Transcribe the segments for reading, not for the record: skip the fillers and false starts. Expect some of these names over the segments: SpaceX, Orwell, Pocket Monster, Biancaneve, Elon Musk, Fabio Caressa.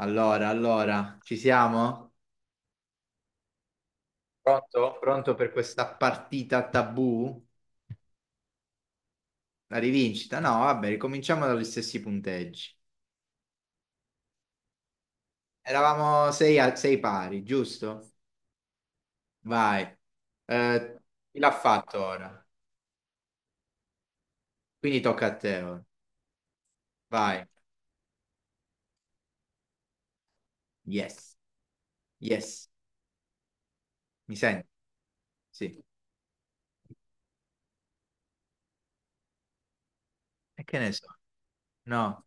Allora, allora, ci siamo? Pronto? Pronto per questa partita tabù? La rivincita? No, vabbè, ricominciamo dagli stessi punteggi. Eravamo sei, sei pari, giusto? Vai. Eh, chi l'ha fatto ora? Quindi tocca a te ora. Vai. Yes, yes. Mi senti? Sì. E che ne so? No.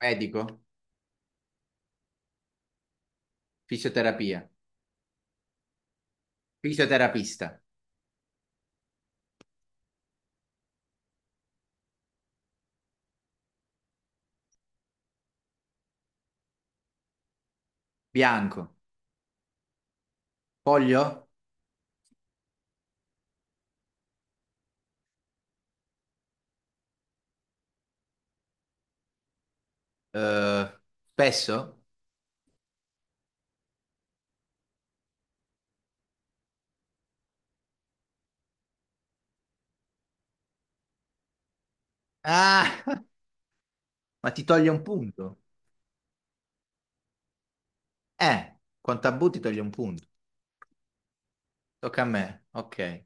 Medico? Fisioterapia? Fisioterapista? Bianco? Foglio? Eh, spesso? Ah! Ma ti toglie un punto. Con tabù ti toglie un punto. Tocca a me. Ok.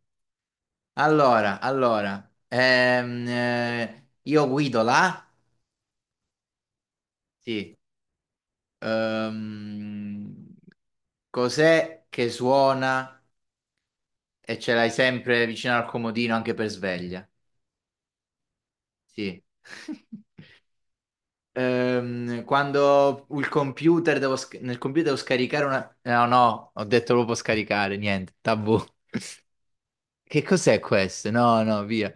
Allora, io guido là. Sì. Ehm, cos'è che suona e ce l'hai sempre vicino al comodino anche per sveglia? Sì. Quando il computer nel computer devo scaricare una... No, no, ho detto proprio scaricare, niente, tabù. Che cos'è questo? No, no, via.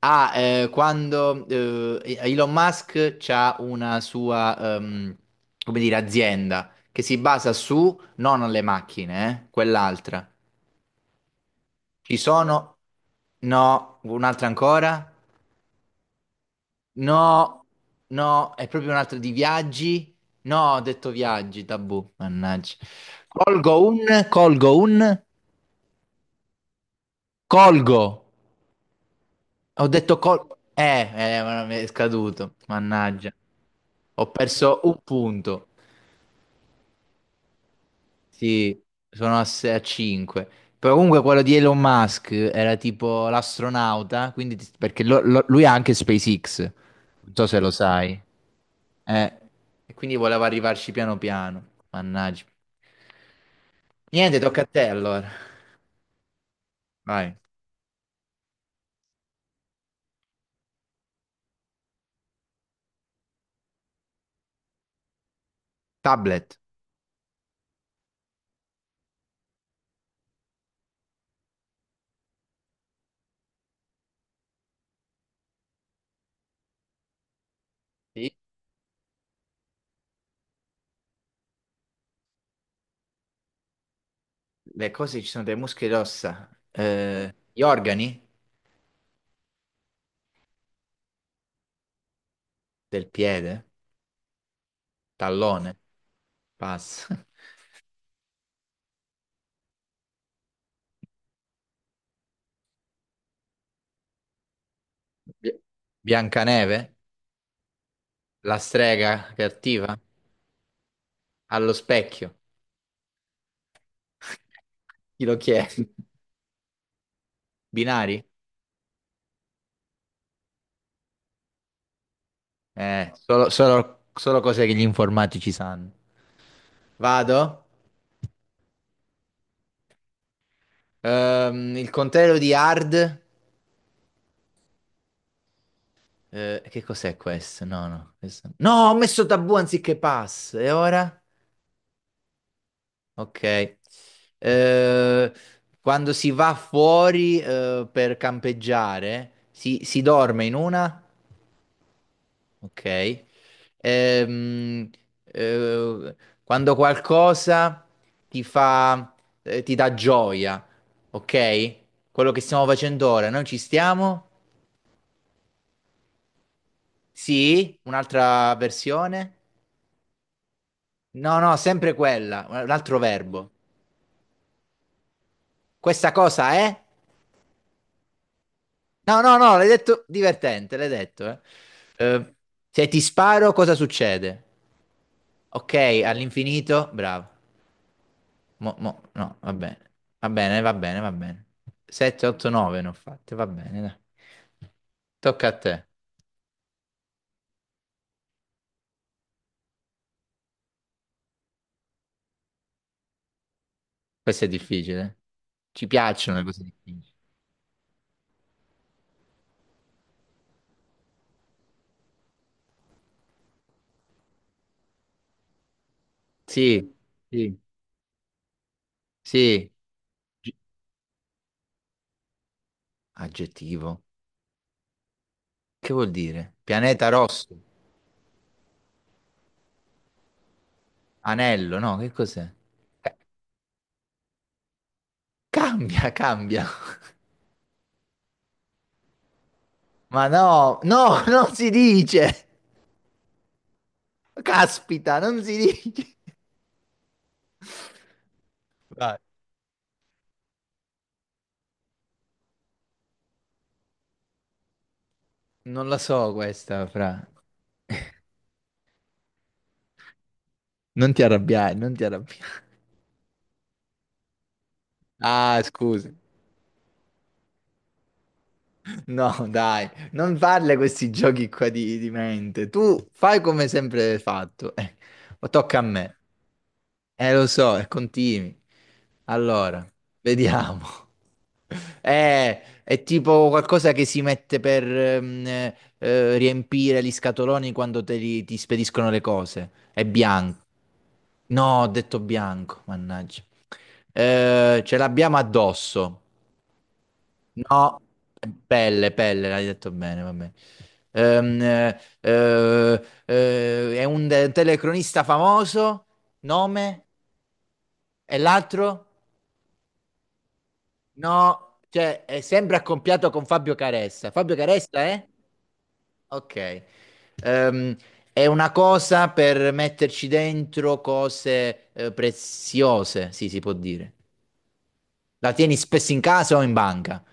Quando Elon Musk c'ha una sua, come dire, azienda che si basa su, non le macchine, quell'altra. Ci sono, no, un'altra ancora? No, no, è proprio un'altra di viaggi? No, ho detto viaggi, tabù, mannaggia. Colgo un, colgo un, colgo. Ho detto col... Eh, eh, ma mi è scaduto, mannaggia. Ho perso un punto. Sì, sono a, 5. Però comunque quello di Elon Musk era tipo l'astronauta, quindi perché lui ha anche SpaceX. Non so se lo sai. Eh, e quindi voleva arrivarci piano piano. Mannaggia. Niente, tocca a te allora. Vai. Tablet. Sì. Le cose ci sono delle muscole e ossa. Gli organi del piede. Tallone, passa. Bi- Biancaneve, la strega cattiva, allo specchio. Chi lo chiede? Binari? Solo cose che gli informatici sanno. Vado. Il contrario di hard. Eh, che cos'è questo? No, no. No, no, ho messo tabù anziché pass. E ora? Ok. Eh, quando si va fuori, per campeggiare, si dorme in una? Ok. Ehm, eh, quando qualcosa ti fa, ti dà gioia, ok? Quello che stiamo facendo ora, noi ci stiamo? Sì, un'altra versione? No, no, sempre quella, un altro verbo. Questa cosa è? No, no, no, l'hai detto divertente, l'hai detto, eh. Eh, se ti sparo, cosa succede? Ok, all'infinito, bravo. No, va bene. Va bene, va bene, va bene. 7, 8, 9 ne ho fatte, va bene, dai. Tocca a te. Questo è difficile. Eh. Ci piacciono le cose difficili. Sì, sì, sì. Gi- Aggettivo. Che vuol dire? Pianeta rosso, anello, no, che cos'è? Ca- cambia, cambia. Ma no, no, non si dice. Caspita, non si dice. Vai. Non la so questa, fra. Non ti arrabbiare, non ti arrabbiare. Ah, scusi. No, dai, non farle questi giochi qua di mente. Tu fai come sempre hai fatto. Tocca a me. Lo so, e continui. Allora, vediamo. È tipo qualcosa che si mette per riempire gli scatoloni quando ti spediscono le cose. È bianco. No, ho detto bianco, mannaggia. Ce l'abbiamo addosso. No, pelle, pelle, l'hai detto bene, va bene. È un telecronista famoso. Nome? E l'altro? No, cioè è sempre accoppiato con Fabio Caressa. Fabio Caressa è? Ok. Ehm, è una cosa per metterci dentro cose preziose, sì, si può dire. La tieni spesso in casa o in banca?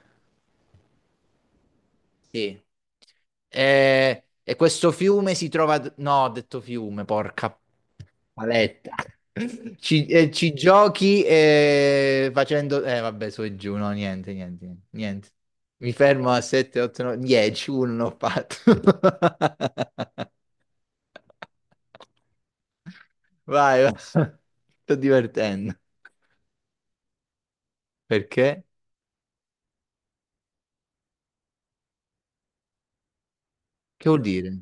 Sì. Eh, E, questo fiume si trova... No, ho detto fiume, porca... Paletta. Ci, ci giochi facendo... vabbè, su e giù, no, niente, niente, niente. Niente. Mi fermo a 7, 8, 9, 10, uno non ho fatto. Vai, vai. Sto divertendo. Perché? Che vuol dire?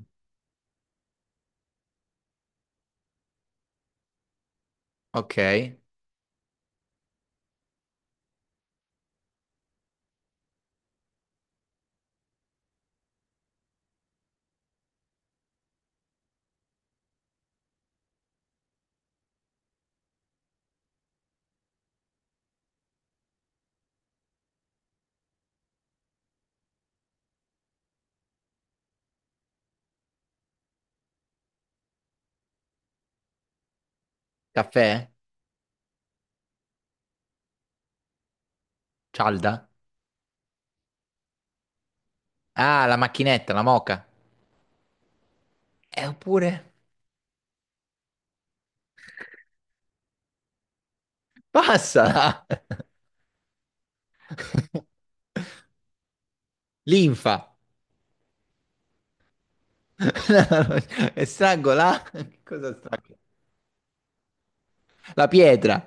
Ok. Caffè? Cialda? Ah, la macchinetta, la moca. Oppure... Passa! Linfa! È strangola? Che cosa strangola? La pietra,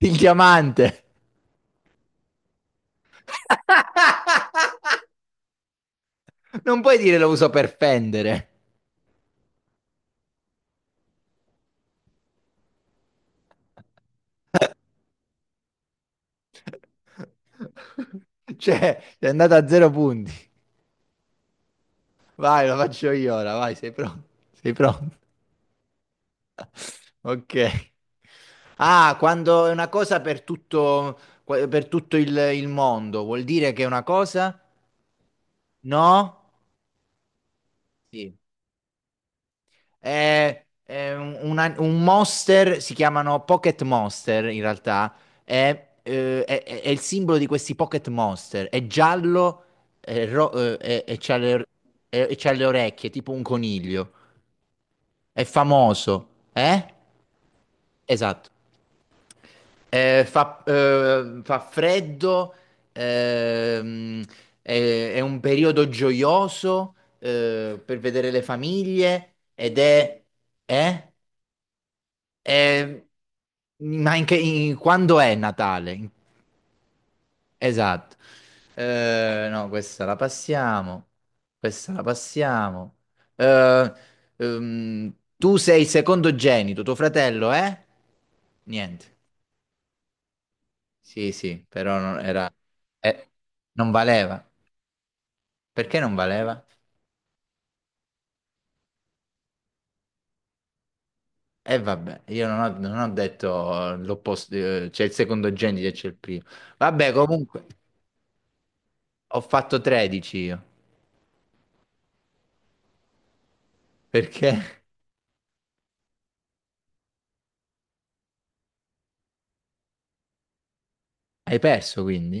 il diamante. Non puoi dire lo uso per fendere. Cioè, è andata a zero punti. Vai, lo faccio io ora, vai, sei pronto? Sei pronto? Ok. Ah, quando è una cosa per tutto il mondo, vuol dire che è una cosa? No? Sì. È un, un monster, si chiamano Pocket Monster in realtà, è, è il simbolo di questi Pocket Monster, è giallo, e c'ha le, e c'ha le orecchie, tipo un coniglio, è famoso, eh? Esatto. Fa, fa freddo, ehm, è un periodo gioioso per vedere le famiglie ed è... eh? Eh, ma in quando è Natale? In- Esatto. No, questa la passiamo. Questa la passiamo. Eh, tu sei secondogenito, tuo fratello è? Niente. Sì, sì, però non era... eh, non valeva. Perché non valeva? E vabbè, io non ho, non ho detto l'opposto, c'è il secondogenito e c'è il primo. Vabbè, comunque, ho fatto 13 io. Perché? Hai perso quindi?